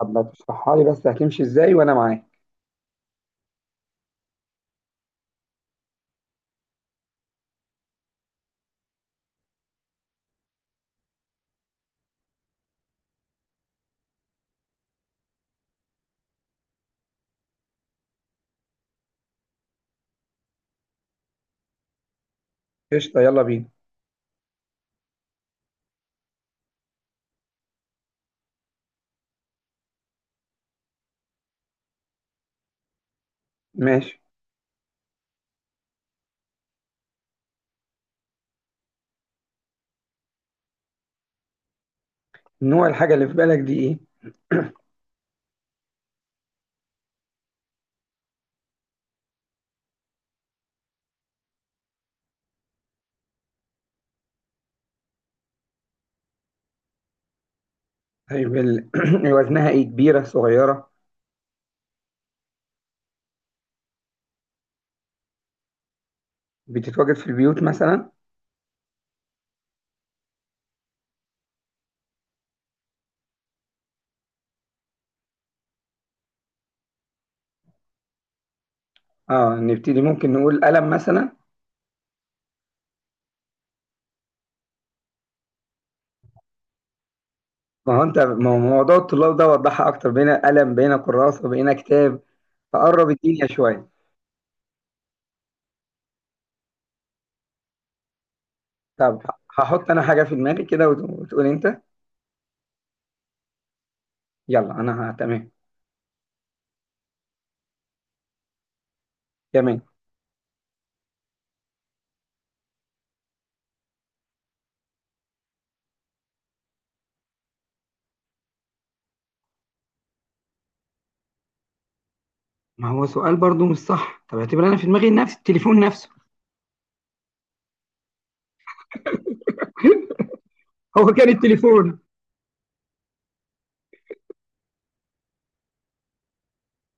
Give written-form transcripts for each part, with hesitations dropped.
طب ما تشرحها لي؟ بس هتمشي ازاي وانا معاك؟ قشطه، يلا بينا. ماشي. نوع الحاجه اللي في بالك دي ايه؟ طيب، وزنها ايه؟ كبيره صغيره؟ بتتواجد في البيوت مثلا؟ اه، نبتدي. ممكن نقول قلم مثلا. ما هو انت، ما هو موضوع الطلاب ده؟ وضحها اكتر، بين قلم بين كراسه بين كتاب. فقرب الدنيا شويه. طب هحط انا حاجه في دماغي كده وتقول انت. يلا انا تمام. تمام. ما هو سؤال برضو مش صح. طب اعتبر انا في دماغي نفس التليفون نفسه. هو كان التليفون.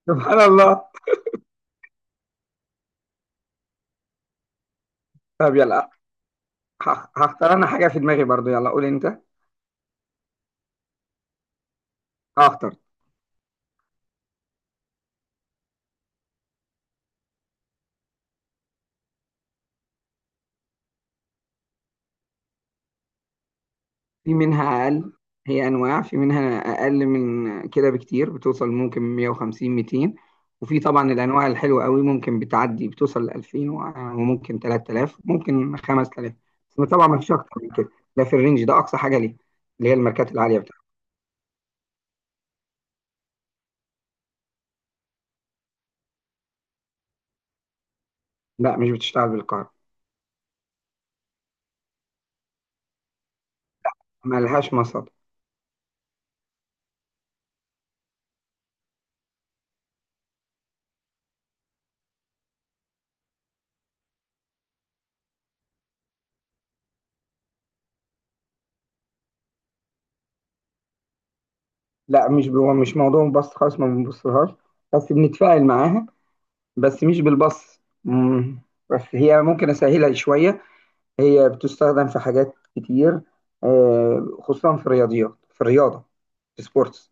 سبحان الله. طب، يلا. هختار انا حاجة في دماغي برضو. يلا قول انت. هختار. في منها اقل. هي انواع، في منها اقل من كده بكتير. بتوصل ممكن 150، 200. وفي طبعا الانواع الحلوة قوي ممكن بتعدي، بتوصل ل 2000 وممكن 3000، ممكن 5000. بس طبعا ما فيش اكتر من كده. ده في الرينج ده اقصى حاجة ليه، اللي هي الماركات العالية بتاعتها. لا، مش بتشتغل بالكهرباء. مالهاش مصادر. لا، مش هو مش موضوع بس خالص، ما بنبصلهاش. بس بنتفاعل معاها. بس مش بالبص. مم. بس هي ممكن اسهلها شويه. هي بتستخدم في حاجات كتير. آه، خصوصا في الرياضيات، في الرياضه. في سبورتس.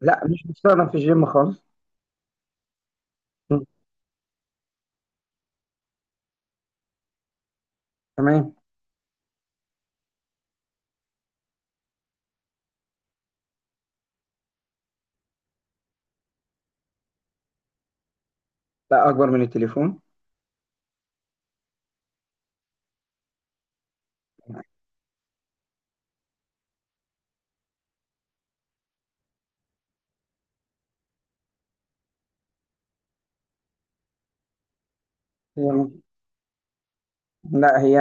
لا، مش بتستخدم في الجيم خالص. مم. تمام. لا، اكبر من التليفون. هي لا، هي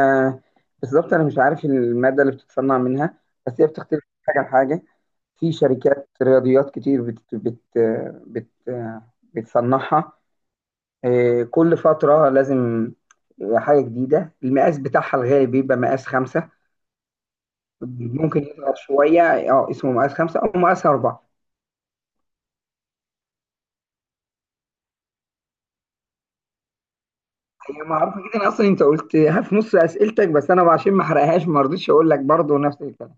بالظبط انا مش عارف الماده اللي بتتصنع منها. بس هي بتختلف من حاجه لحاجه. في شركات رياضيات كتير بت بت بت بتصنعها. آه، كل فترة لازم آه، حاجة جديدة. المقاس بتاعها الغالب بيبقى مقاس خمسة. ممكن يصغر شوية. اه، اسمه مقاس خمسة أو مقاس أربعة. هي معروفة جدا أصلا، أنت قلتها في نص أسئلتك، بس أنا عشان ما أحرقهاش ما رضيتش أقول لك برضه نفس الكلام.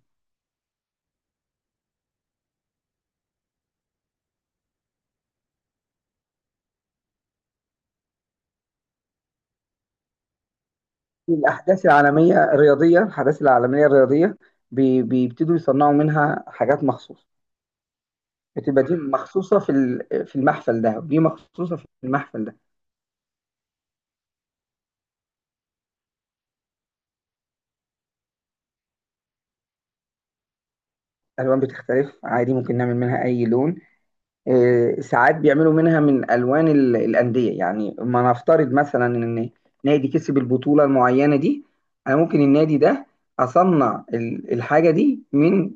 في الأحداث العالمية الرياضية، بيبتدوا يصنعوا منها حاجات مخصوصة. بتبقى دي مخصوصة في المحفل ده، ودي مخصوصة في المحفل ده. الألوان بتختلف عادي، ممكن نعمل منها أي لون. آه، ساعات بيعملوا منها من الوان الانديه. يعني ما نفترض مثلا ان نادي كسب البطوله المعينه دي، انا ممكن النادي ده اصنع الحاجه دي من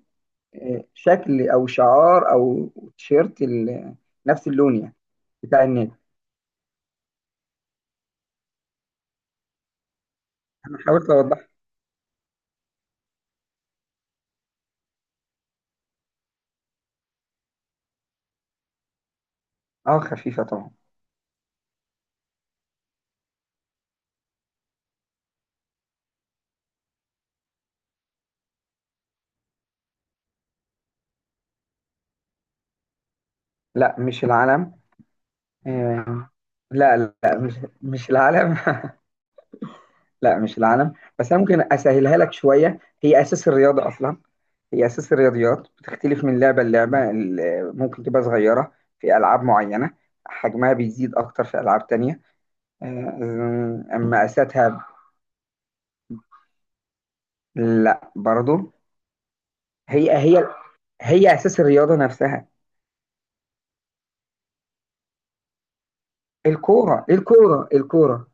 آه، شكل او شعار او تيشيرت نفس اللون يعني، بتاع النادي. انا حاولت اوضح. اه، خفيفه طبعا. لا، مش العلم. آه، لا، لا، مش العلم. لا، مش العالم. بس انا ممكن اسهلها لك شويه. هي اساس الرياضه اصلا. هي اساس الرياضيات، بتختلف من لعبه للعبه، ممكن تبقى صغيره في العاب معينه، حجمها بيزيد اكتر في العاب تانية. أم- اما اساسها، لا برضو. هي هي هي اساس الرياضه نفسها. الكوره الكوره الكوره،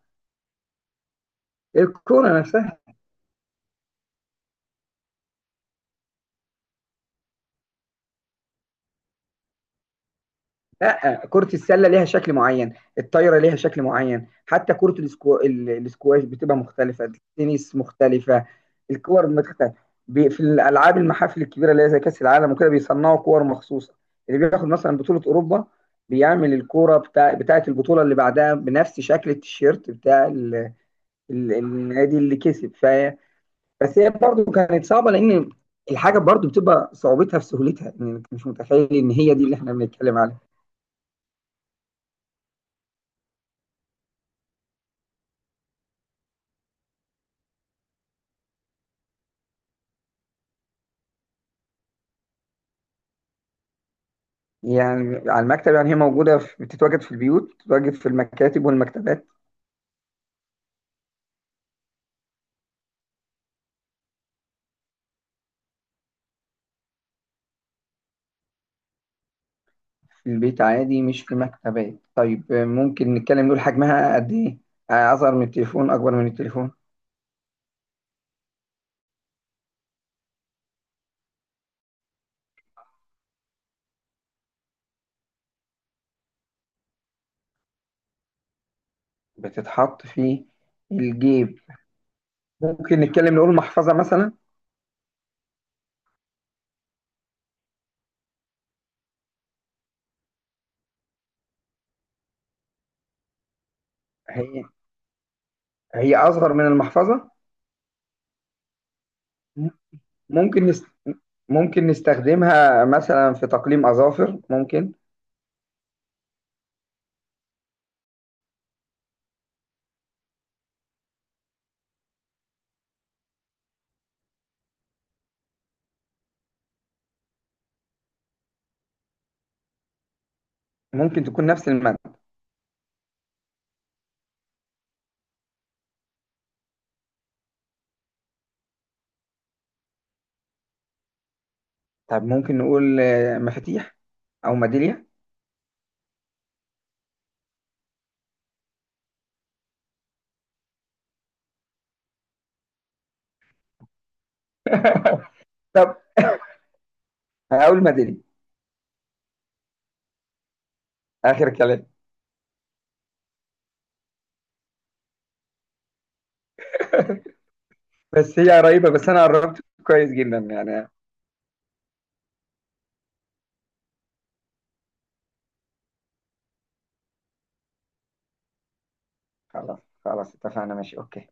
الكوره نفسها. لا، كرة السلة ليها شكل معين، الطايرة ليها شكل معين، حتى كرة الاسكواش بتبقى مختلفة، التنس مختلفة، الكور مختلفة، في الألعاب، المحافل الكبيرة اللي هي زي كأس العالم وكده، بيصنعوا كور مخصوصة، اللي بياخد مثلا بطولة أوروبا بيعمل الكورة بتاعة البطولة اللي بعدها بنفس شكل التيشيرت النادي اللي كسب، بس هي برضه كانت صعبة، لأن الحاجة برضه بتبقى صعوبتها في سهولتها، يعني أنت مش متخيل إن هي دي اللي إحنا بنتكلم عليها. يعني على المكتب؟ يعني هي موجودة، بتتواجد في البيوت، بتتواجد في المكاتب والمكتبات. في البيت عادي مش في مكتبات. طيب، آه، ممكن نتكلم نقول حجمها قد إيه؟ آه، أصغر من التليفون، أكبر من التليفون؟ بتتحط في الجيب. ممكن نتكلم نقول محفظة مثلا. هي هي أصغر من المحفظة. م- ممكن نست... ممكن نستخدمها مثلا في تقليم أظافر، ممكن. ممكن تكون نفس المادة. طب ممكن نقول آه، مفاتيح أو ميدالية. طب، هقول ميدالية. اخر كلام. بس هي قريبه، بس انا قربت كويس جدا يعني. خلاص. خلاص، اتفقنا، ماشي، اوكي.